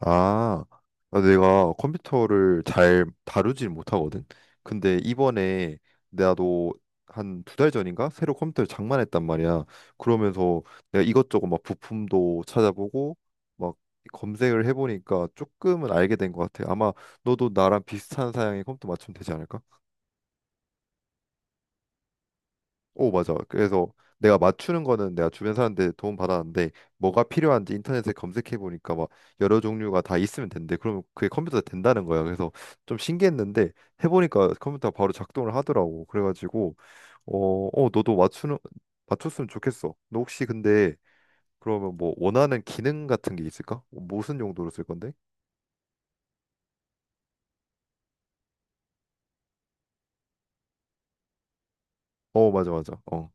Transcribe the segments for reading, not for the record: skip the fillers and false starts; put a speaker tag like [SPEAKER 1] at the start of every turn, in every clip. [SPEAKER 1] 아, 내가 컴퓨터를 잘 다루질 못하거든. 근데 이번에 나도 한 두 달 전인가 새로 컴퓨터를 장만했단 말이야. 그러면서 내가 이것저것 막 부품도 찾아보고 막 검색을 해보니까 조금은 알게 된 것 같아. 아마 너도 나랑 비슷한 사양의 컴퓨터 맞추면 되지 않을까? 오, 맞아. 그래서 내가 맞추는 거는 내가 주변 사람들 도움 받았는데 뭐가 필요한지 인터넷에 검색해 보니까 막 여러 종류가 다 있으면 된대. 그러면 그게 컴퓨터에 된다는 거야. 그래서 좀 신기했는데 해보니까 컴퓨터가 바로 작동을 하더라고. 그래가지고 어, 너도 맞추는 맞췄으면 좋겠어. 너 혹시 근데 그러면 뭐 원하는 기능 같은 게 있을까? 무슨 용도로 쓸 건데? 어, 맞아, 맞아. 어,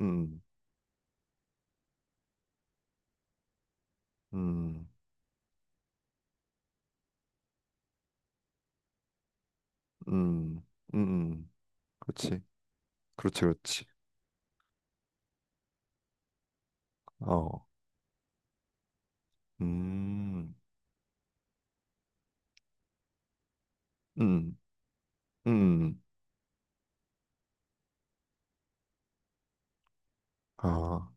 [SPEAKER 1] 음, 음, 음, 음, 음, 그렇지, 그렇지, 그렇지. 어, 음. 음, 음, 아,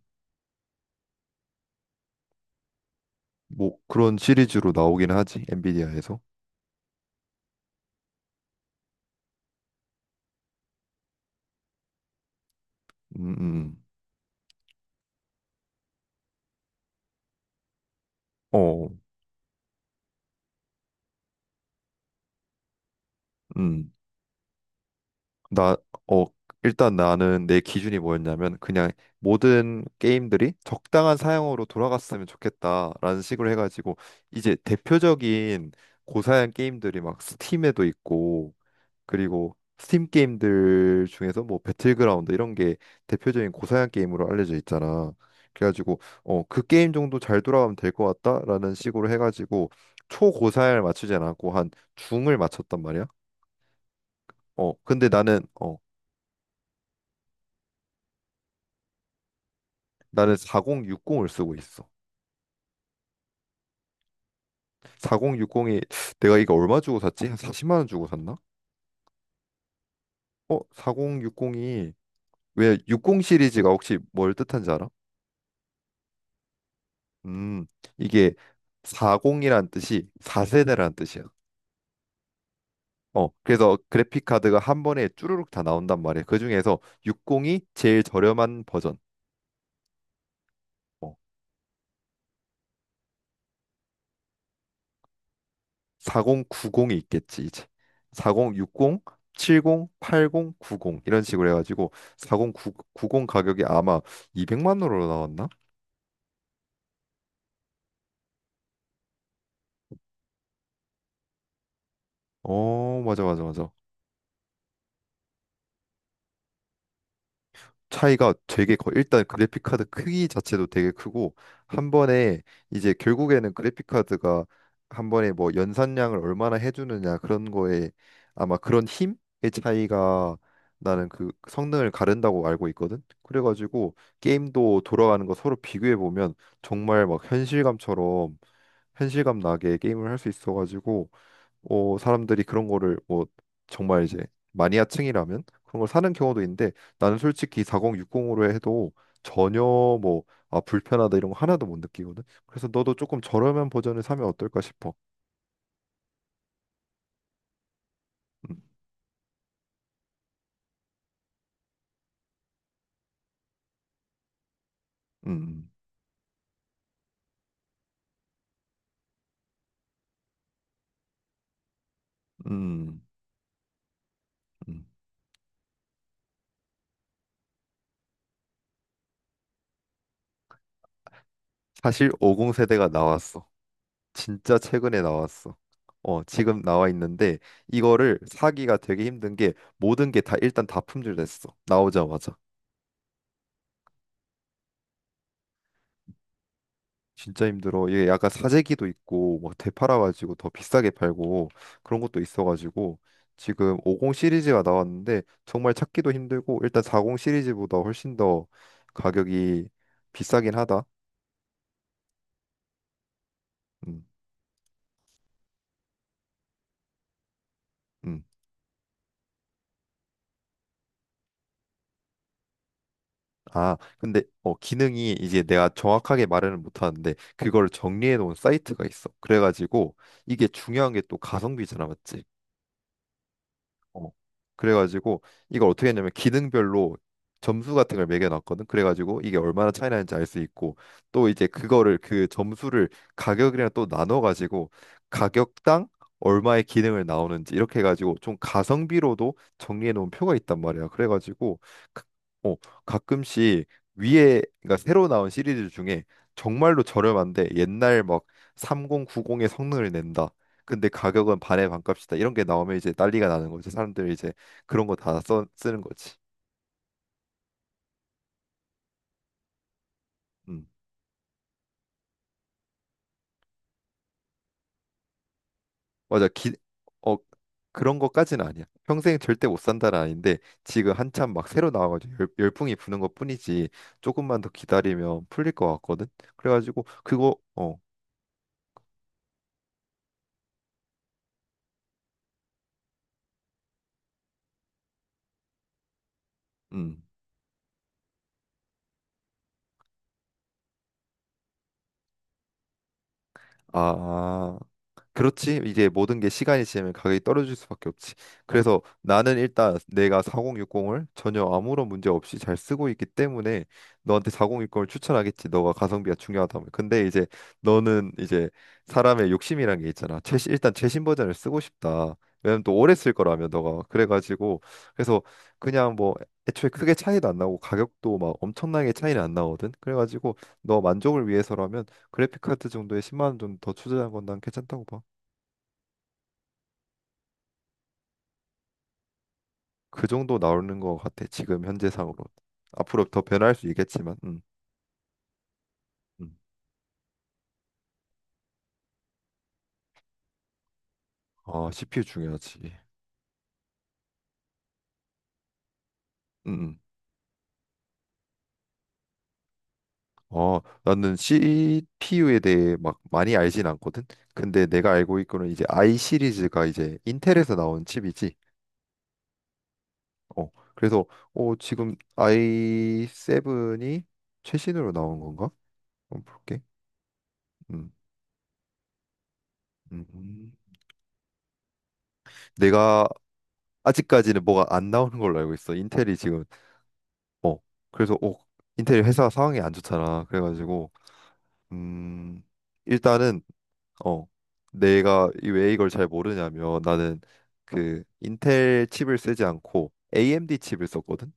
[SPEAKER 1] 뭐 그런 시리즈로 나오긴 하지 엔비디아에서. 음, 음, 어, 음, 나, 어, 일단 나는 내 기준이 뭐였냐면 그냥 모든 게임들이 적당한 사양으로 돌아갔으면 좋겠다라는 식으로 해가지고 이제 대표적인 고사양 게임들이 막 스팀에도 있고 그리고 스팀 게임들 중에서 뭐 배틀그라운드 이런 게 대표적인 고사양 게임으로 알려져 있잖아. 그래가지고 어, 그 게임 정도 잘 돌아가면 될 것 같다라는 식으로 해가지고 초고사양을 맞추지 않았고 한 중을 맞췄단 말이야. 근데 나는 4060을 쓰고 있어. 4060이, 내가 이거 얼마 주고 샀지? 한 40만 원 주고 샀나? 어, 4060이 왜 60 시리즈가 혹시 뭘 뜻한지 알아? 음, 이게 40이란 뜻이 4세대란 뜻이야. 어, 그래서 그래픽 카드가 한 번에 쭈루룩 다 나온단 말이야. 그 중에서 60이 제일 저렴한 버전. 어, 4090이 있겠지, 이제. 40, 60, 70, 80, 90 이런 식으로 해가지고 4090 가격이 아마 200만 원으로 나왔나? 어, 맞아, 맞아, 맞아. 차이가 되게 커. 일단 그래픽 카드 크기 자체도 되게 크고 한 번에 이제 결국에는 그래픽 카드가 한 번에 뭐 연산량을 얼마나 해주느냐 그런 거에 아마 그런 힘의 차이가 나는 그 성능을 가른다고 알고 있거든. 그래가지고 게임도 돌아가는 거 서로 비교해 보면 정말 막 현실감처럼 현실감 나게 게임을 할 수 있어가지고 어, 사람들이 그런 거를 뭐 정말 이제 마니아층이라면 그런 걸 사는 경우도 있는데, 나는 솔직히 4060으로 해도 전혀 뭐, 아, 불편하다 이런 거 하나도 못 느끼거든. 그래서 너도 조금 저렴한 버전을 사면 어떨까 싶어. 음, 음, 음, 음. 음. 사실 50 세대가 나왔어. 진짜 최근에 나왔어. 어, 지금 나와 있는데 이거를 사기가 되게 힘든 게 모든 게 다, 일단 다 품절됐어. 나오자마자. 진짜 힘들어. 이게 약간 사재기도 있고 막 되팔아가지고 더 비싸게 팔고 그런 것도 있어가지고 지금 50 시리즈가 나왔는데 정말 찾기도 힘들고 일단 40 시리즈보다 훨씬 더 가격이 비싸긴 하다. 음, 음. 아, 근데 어 기능이 이제 내가 정확하게 말은 못하는데 그걸 정리해 놓은 사이트가 있어. 그래가지고 이게 중요한 게 또 가성비잖아, 맞지? 어. 그래가지고 이걸 어떻게 했냐면 기능별로 점수 같은 걸 매겨놨거든. 그래가지고 이게 얼마나 차이 나는지 알 수 있고 또 이제 그거를, 그 점수를 가격이랑 또 나눠가지고 가격당 얼마의 기능을 나오는지 이렇게 해가지고 좀 가성비로도 정리해 놓은 표가 있단 말이야. 그래가지고 가- 어, 가끔씩 위에, 그러니까 새로 나온 시리즈 중에 정말로 저렴한데 옛날 막 3090의 성능을 낸다. 근데 가격은 반의 반값이다. 이런 게 나오면 이제 난리가 나는 거지. 사람들이 이제 그런 거 다 써 쓰는 거지. 음. 맞아. 기, 어 그런 거까지는 아니야. 평생 절대 못 산다는 아닌데 지금 한참 막 새로 나와가지고 열풍이 부는 것뿐이지. 조금만 더 기다리면 풀릴 것 같거든. 그래가지고 그거, 어. 음. 아, 그렇지. 이제 모든 게 시간이 지나면 가격이 떨어질 수밖에 없지. 그래서 나는 일단 내가 4060을 전혀 아무런 문제 없이 잘 쓰고 있기 때문에 너한테 4060을 추천하겠지. 너가 가성비가 중요하다면. 근데 이제 너는 이제 사람의 욕심이란 게 있잖아. 최신, 일단 최신 버전을 쓰고 싶다. 왜냐면 또 오래 쓸 거라며, 너가. 그래가지고 그래서 그냥 뭐 애초에 크게 차이도 안 나고 가격도 막 엄청나게 차이는 안 나거든. 그래가지고 너 만족을 위해서라면 그래픽 카드 정도에 10만 원 정도 더 투자한 건 난 괜찮다고 봐. 그 정도 나오는 것 같아. 지금 현재상으로. 앞으로 더 변할 수 있겠지만. 음. 음. 아, CPU 중요하지. 음. 음. 어, 나는 CPU에 대해 막 많이 알진 않거든. 근데 내가 알고 있고는 이제 i 시리즈가 이제 인텔에서 나온 칩이지. 어. 그래서 어, 지금 i7이 최신으로 나온 건가? 한번 볼게. 음. 음. 내가 아직까지는 뭐가 안 나오는 걸로 알고 있어. 인텔이 지금 어, 그래서 어, 인텔 회사 상황이 안 좋잖아. 그래가지고 음, 일단은 어, 내가 왜 이걸 잘 모르냐면 나는 그 인텔 칩을 쓰지 않고 AMD 칩을 썼거든.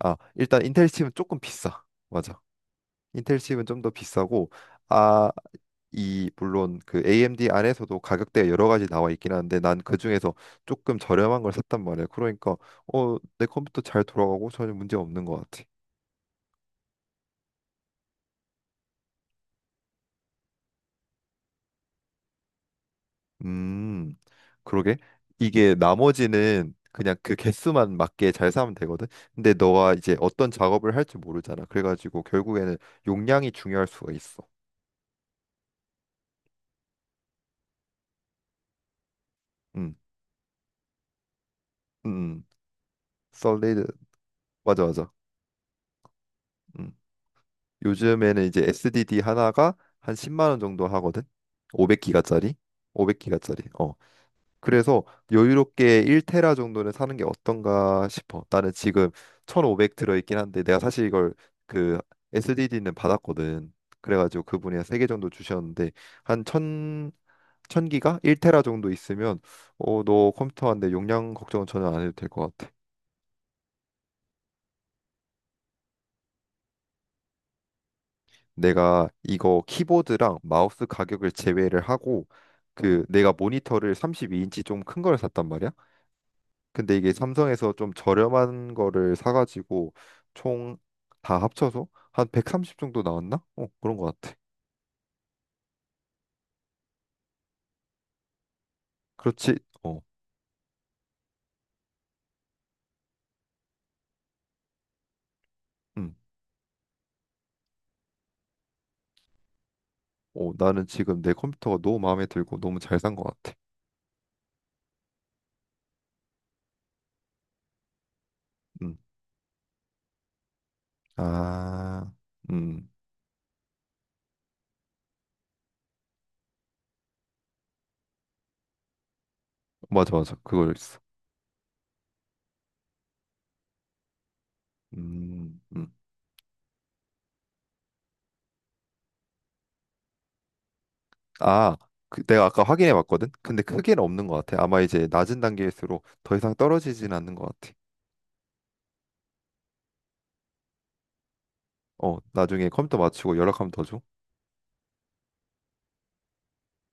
[SPEAKER 1] 아, 일단 인텔 칩은 조금 비싸. 맞아. 인텔 칩은 좀 더 비싸고 아, 이 물론 그 AMD 안에서도 가격대가 여러 가지 나와 있긴 한데 난 그 중에서 조금 저렴한 걸 샀단 말이야. 그러니까 어, 내 컴퓨터 잘 돌아가고 전혀 문제 없는 것 같아. 음, 그러게. 이게 나머지는 그냥 그 개수만 맞게 잘 사면 되거든. 근데 너가 이제 어떤 작업을 할지 모르잖아. 그래가지고 결국에는 용량이 중요할 수가 있어. 음, 음, 솔리드. 맞아, 맞아. 음. 요즘에는 이제 SDD 하나가 한 10만 원 정도 하거든. 500기가짜리. 500기가짜리. 그래서 여유롭게 1테라 정도는 사는 게 어떤가 싶어. 나는 지금 1500 들어있긴 한데 내가 사실 이걸, 그 SDD는 받았거든. 그래가지고 그분이 한 3개 정도 주셨는데 한 1000, 기가 1테라 정도 있으면 어, 너 컴퓨터한데 용량 걱정은 전혀 안 해도 될 것 같아. 내가 이거 키보드랑 마우스 가격을 제외를 하고 그 내가 모니터를 32인치 좀 큰 걸 샀단 말이야. 근데 이게 삼성에서 좀 저렴한 거를 사가지고 총 다 합쳐서 한 130 정도 나왔나? 어, 그런 것 같아. 그렇지. 어, 음. 어, 나는 지금 내 컴퓨터가 너무 마음에 들고 너무 잘 산 것 같아. 음. 아, 음, 맞아, 맞아. 그거 있어. 음, 음. 아, 그 내가 아까 확인해 봤거든. 근데 크게는 없는 것 같아. 아마 이제 낮은 단계일수록 더 이상 떨어지진 않는 것 같아. 어, 나중에 컴퓨터 맞추고 연락하면 더 줘.